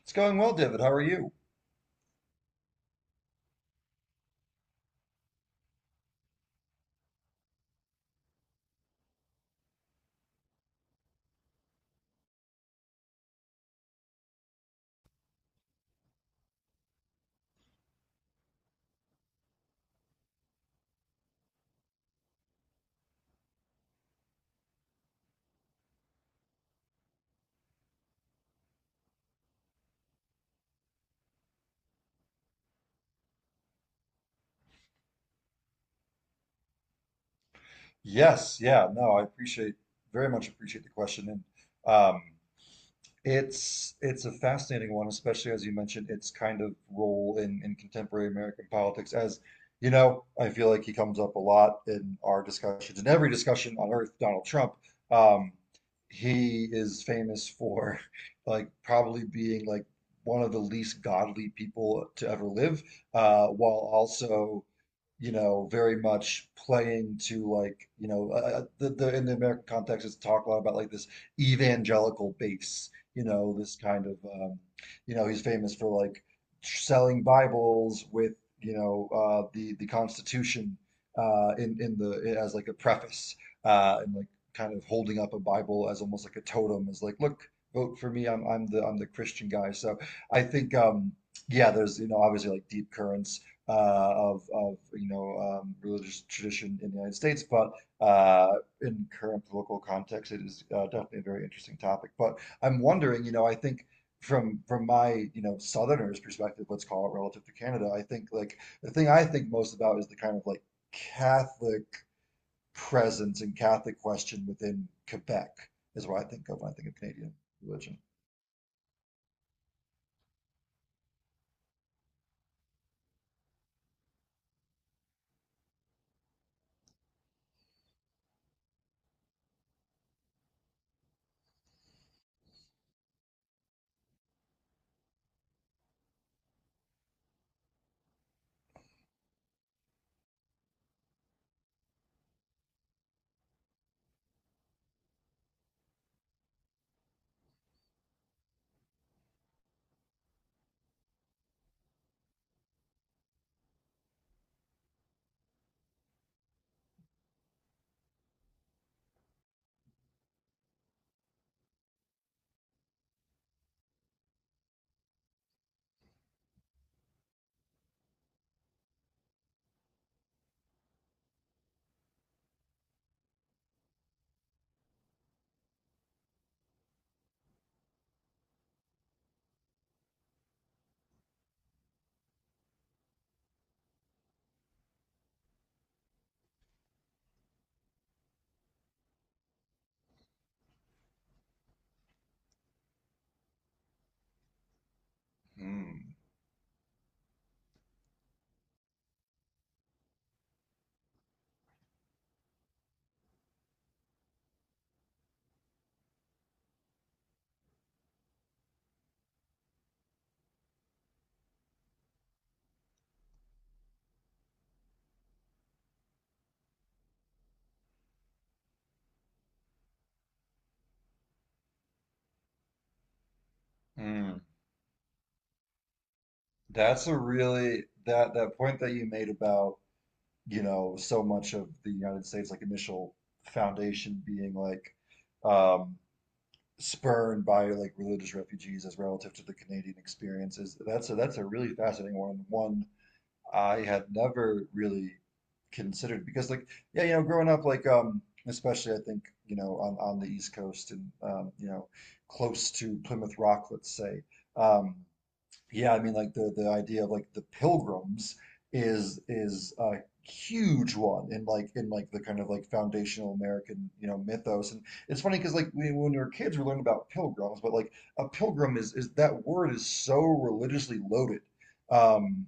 It's going well, David. How are you? Yes, yeah, no, I appreciate very much appreciate the question, and um, it's a fascinating one, especially as you mentioned its kind of role in contemporary American politics. As you know, I feel like he comes up a lot in our discussions, in every discussion on Earth, Donald Trump. Um, he is famous for like probably being like one of the least godly people to ever live, while also you know, very much playing to like, the in the American context, it's talk a lot about like this evangelical base you know, this kind of, you know, he's famous for like selling Bibles with, you know, the Constitution in the as like a preface and like kind of holding up a Bible as almost like a totem, as like, look, vote for me, I'm the Christian guy. So I think, yeah, there's you know obviously like deep currents of you know religious tradition in the United States, but uh, in current political context, it is definitely a very interesting topic. But I'm wondering, you know, I think from my, you know, Southerner's perspective, let's call it relative to Canada, I think like the thing I think most about is the kind of like Catholic presence and Catholic question within Quebec is what I think of when I think of Canadian religion. Hmm. Hmm. That's a really that that point that you made about, you know, so much of the United States like initial foundation being like um spurred by like religious refugees as relative to the Canadian experiences. That's a really fascinating one. One I had never really considered because like yeah, you know, growing up like especially I think, you know, on the East Coast and you know, close to Plymouth Rock, let's say. Um yeah, I mean, like the idea of like the pilgrims is a huge one in like the kind of like foundational American, you know, mythos. And it's funny because like we, when we were kids, we learned about pilgrims, but like a pilgrim is that word is so religiously loaded. Um,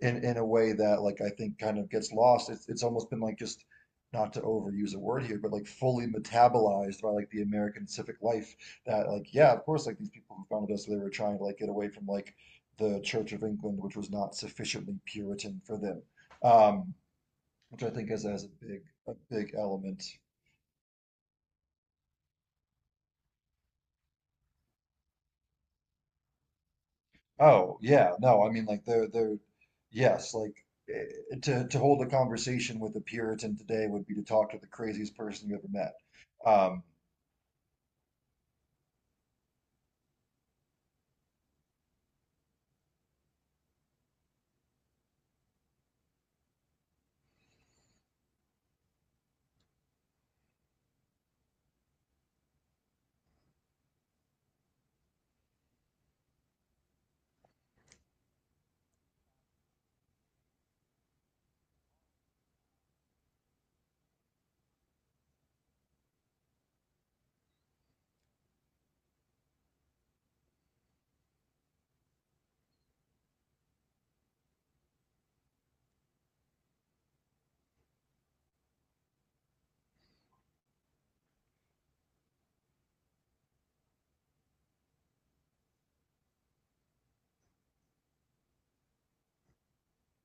in a way that like I think kind of gets lost. It's almost been like just not to overuse a word here, but like fully metabolized by like the American civic life that like yeah, of course like these people who founded us they were trying to like get away from like the Church of England, which was not sufficiently Puritan for them. Um, which I think is as a big element. Oh yeah, no, I mean like they're yes, like to hold a conversation with a Puritan today would be to talk to the craziest person you ever met. Um,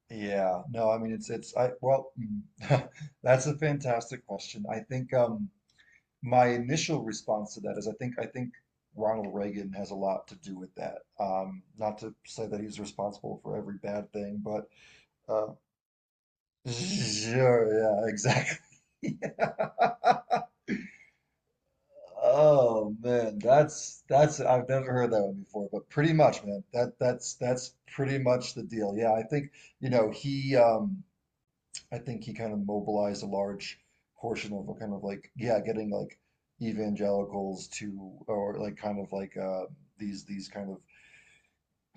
Yeah, no, I mean it's I well that's a fantastic question. I think my initial response to that is I think Ronald Reagan has a lot to do with that. Not to say that he's responsible for every bad thing, but uh sure, yeah, exactly. Yeah. Oh man, that's I've never heard that one before, but pretty much, man. That's pretty much the deal. Yeah, I think, you know, he I think he kind of mobilized a large portion of a kind of like yeah, getting like evangelicals to or like kind of like these kind of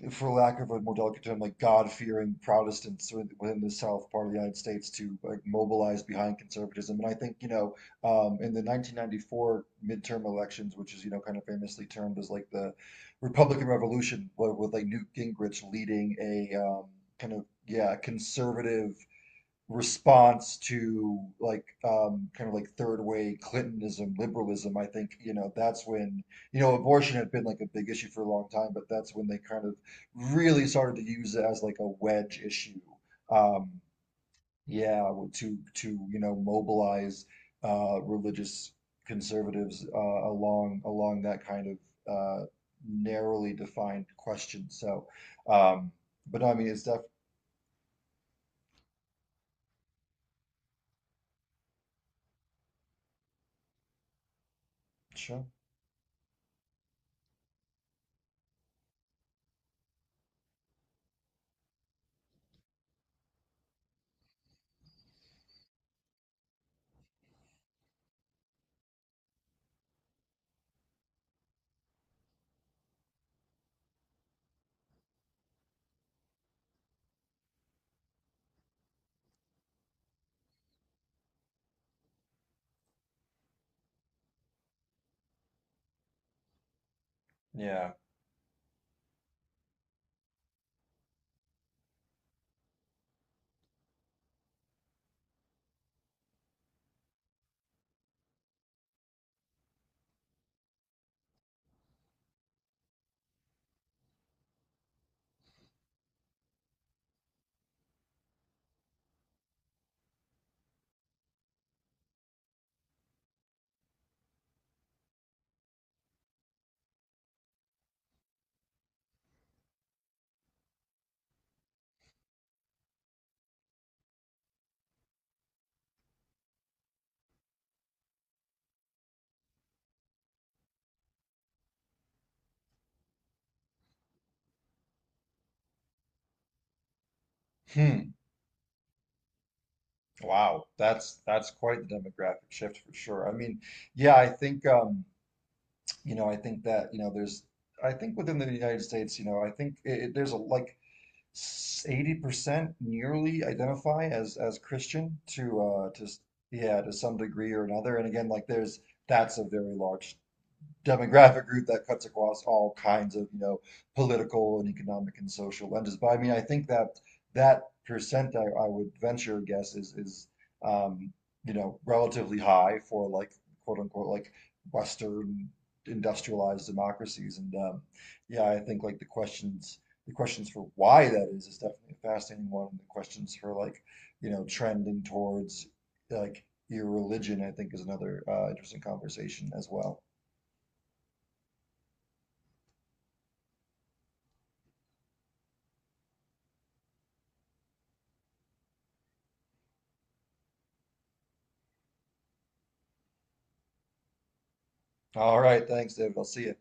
for lack of a more delicate term like God-fearing Protestants within the South part of the United States to like mobilize behind conservatism. And I think you know in the 1994 midterm elections, which is you know kind of famously termed as like the Republican Revolution, with like Newt Gingrich leading a kind of yeah conservative response to like kind of like third way clintonism liberalism. I think you know that's when you know abortion had been like a big issue for a long time, but that's when they kind of really started to use it as like a wedge issue. um yeah, to you know mobilize religious conservatives along that kind of narrowly defined question. So um but no, I mean it's def sure yeah hmm. Wow, that's quite the demographic shift for sure. I mean, yeah, I think you know, I think that, you know, there's I think within the United States, you know, I think there's a like 80% nearly identify as Christian to yeah, to some degree or another. And again, like there's that's a very large demographic group that cuts across all kinds of, you know, political and economic and social lenses. But I mean, I think that that percent, I would venture a guess is um, you know, relatively high for like quote unquote like Western industrialized democracies. And yeah, I think like the questions for why that is definitely a fascinating one. And the questions for like, you know, trending towards like irreligion, I think is another interesting conversation as well. All right, thanks, David. I'll see you.